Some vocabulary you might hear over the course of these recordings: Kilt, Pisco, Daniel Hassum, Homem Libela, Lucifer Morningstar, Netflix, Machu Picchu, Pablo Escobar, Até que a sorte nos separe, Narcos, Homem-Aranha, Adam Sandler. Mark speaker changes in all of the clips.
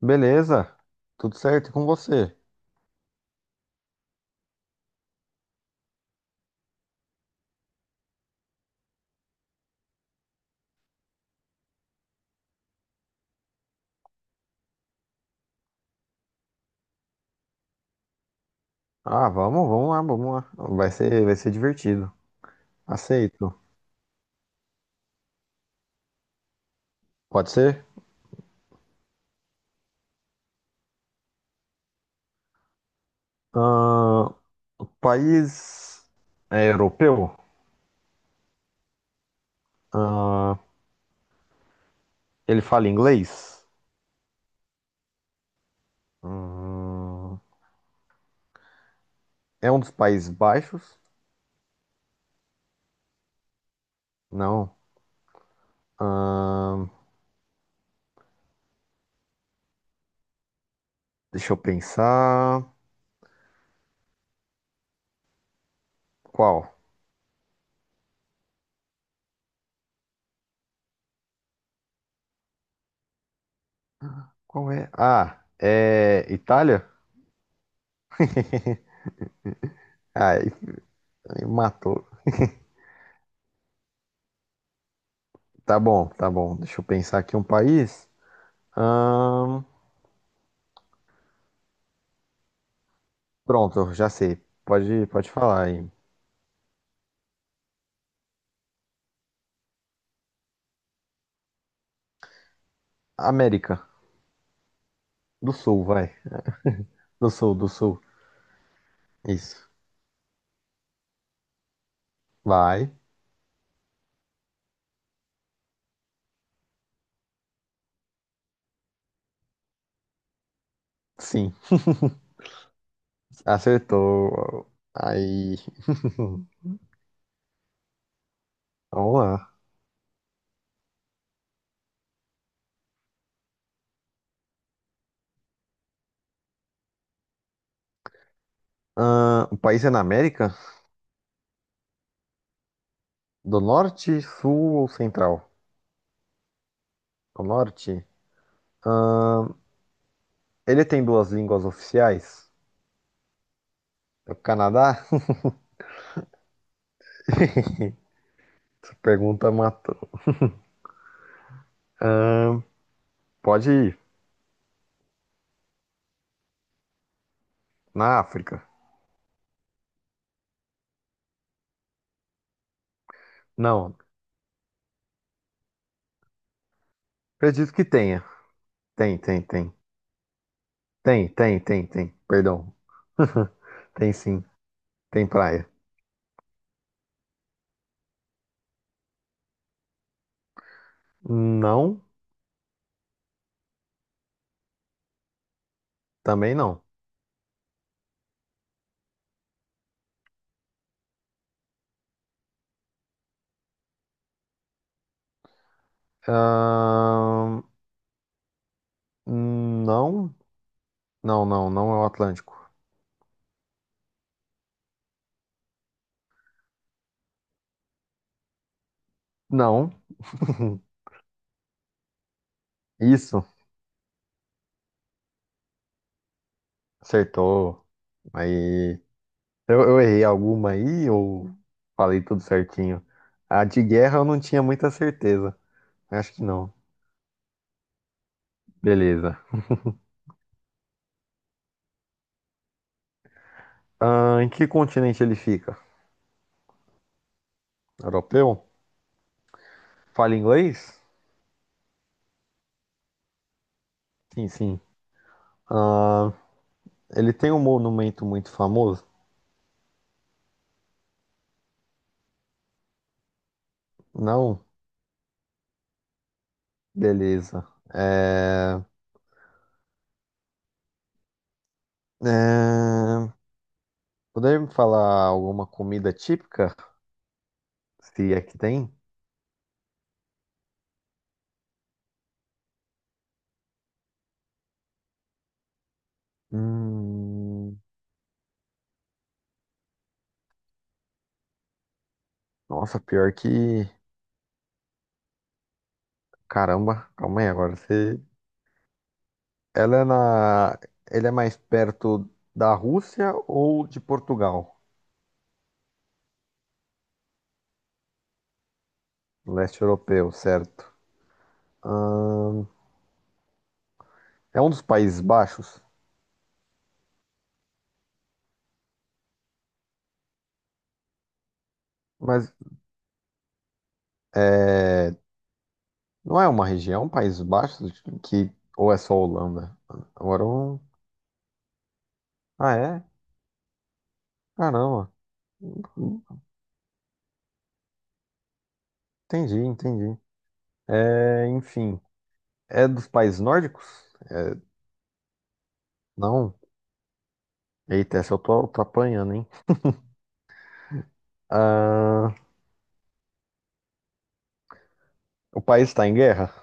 Speaker 1: Beleza, tudo certo e com você? Ah, vamos lá, vamos lá. Vai ser divertido. Aceito. Pode ser? Ah, o país é europeu? Ah, ele fala inglês? Hum, é um dos Países Baixos? Não. Ah, deixa eu pensar. Qual? Qual é? Ah, é Itália? Ah, e matou. Tá bom, tá bom. Deixa eu pensar aqui um país. Pronto, já sei. Pode falar aí. América do Sul, vai. Do Sul, do Sul. Isso. Vai. Sim. Acertou. Aí. Vamos lá. O país é na América? Do Norte, Sul ou Central? Do Norte. Ele tem duas línguas oficiais? É o Canadá? Essa pergunta matou. Pode ir. Na África? Não. Acredito que tenha. Tem, tem, tem. Tem, tem, tem, tem. Perdão. Tem, sim. Tem praia. Não, também não. Ahn, não, não, não, não é o Atlântico. Não, isso, acertou. Aí, eu errei alguma aí ou falei tudo certinho? A de guerra eu não tinha muita certeza. Acho que não. Beleza. Em que continente ele fica? Europeu? Fala inglês? Sim, sim. Ahn, ele tem um monumento muito famoso? Não? Beleza. É... É, Poderia me falar alguma comida típica? Se é que tem? Hum, nossa, pior que. Caramba, calma aí agora. Você... Ela é na. Ele é mais perto da Rússia ou de Portugal? Leste europeu, certo? Hum, é um dos Países Baixos, mas é... não é uma região, Países Baixos, que. Ou é só Holanda? Agora eu. Ah, é? Caramba. Entendi, entendi. É, enfim. É dos países nórdicos? É, não. Eita, essa eu tô apanhando, hein? Ah, o país está em guerra?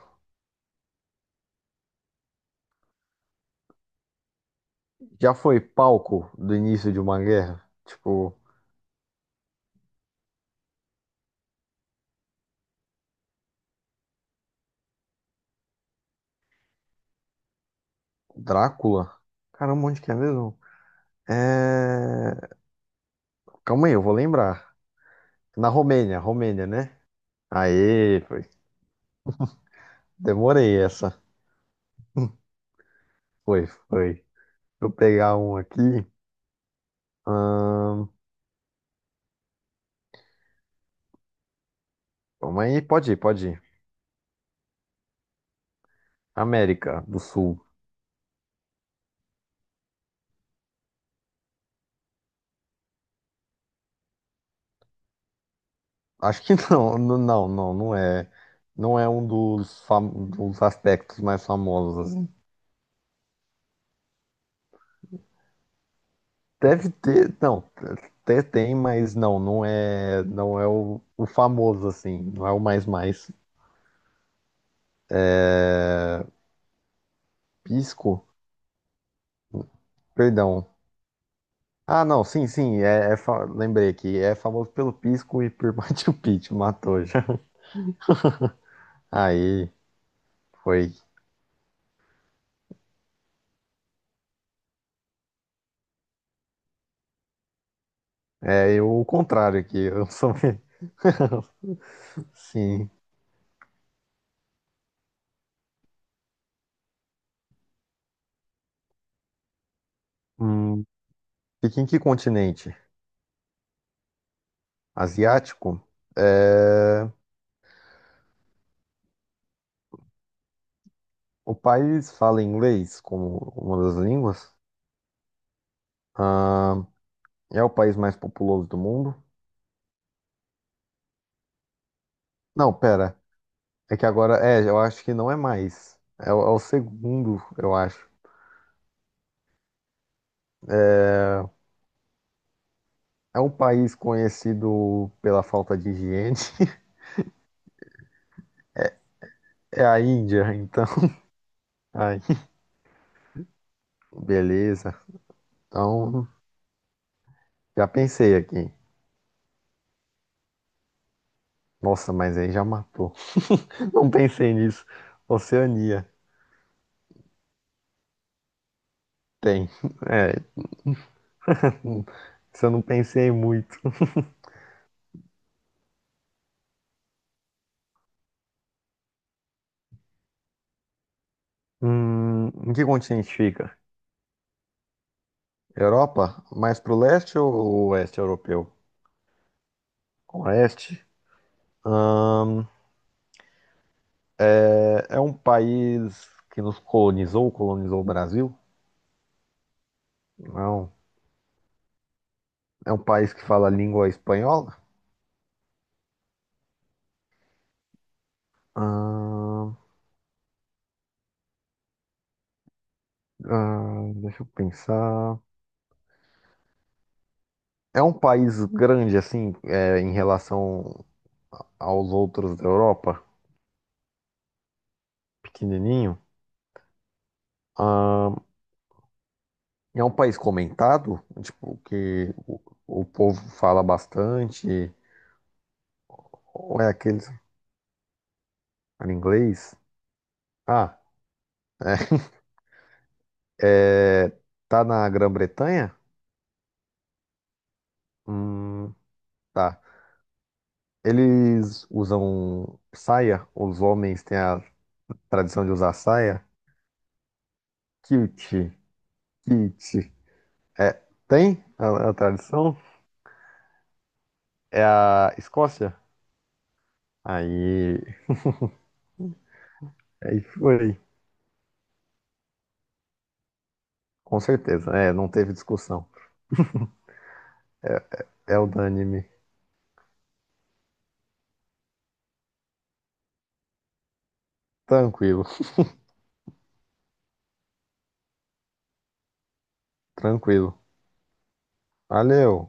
Speaker 1: Já foi palco do início de uma guerra? Tipo, Drácula? Caramba, onde que é mesmo? É... Calma aí, eu vou lembrar. Na Romênia, Romênia, né? Aê, foi. Demorei essa. Foi, foi. Deixa eu pegar um aqui. Ahn, Calma aí, pode ir, pode ir. América do Sul. Acho que não, não, não, não é. Não é um dos, dos aspectos mais famosos, assim. Deve ter, não, até tem, mas não, não é o famoso assim, não é o mais mais. Pisco? Perdão. Ah, não, sim, sim, lembrei aqui, é famoso pelo Pisco e por Machu Picchu, matou já. Aí, foi. É eu, o contrário aqui, eu sou. Sim. Hum, fica em que continente? Asiático, é, o país fala inglês como uma das línguas. Ah, é o país mais populoso do mundo. Não, pera. É que agora, é, eu acho que não é mais. É, o é o segundo, eu acho. É um país conhecido pela falta de higiene. É a Índia, então. Ai, beleza. Então, já pensei aqui. Nossa, mas aí já matou. Não pensei nisso. Oceania. Tem. É, isso eu não pensei muito. Em que continente fica? Europa? Mais pro leste ou oeste europeu? Oeste? Hum, é um país que nos colonizou o Brasil? Não. É um país que fala a língua espanhola? Hum, deixa eu pensar. É um país grande, assim, é, em relação aos outros da Europa? Pequenininho? Hum, é um país comentado? Tipo, que o povo fala bastante? Ou é aqueles em inglês? Ah, é. É, tá na Grã-Bretanha? Hum, tá. Eles usam saia? Os homens têm a tradição de usar saia? Kilt. Kilt. É, tem a tradição? É a Escócia? Aí, aí foi. Com certeza. É, não teve discussão. É unânime. Tranquilo, tranquilo. Valeu.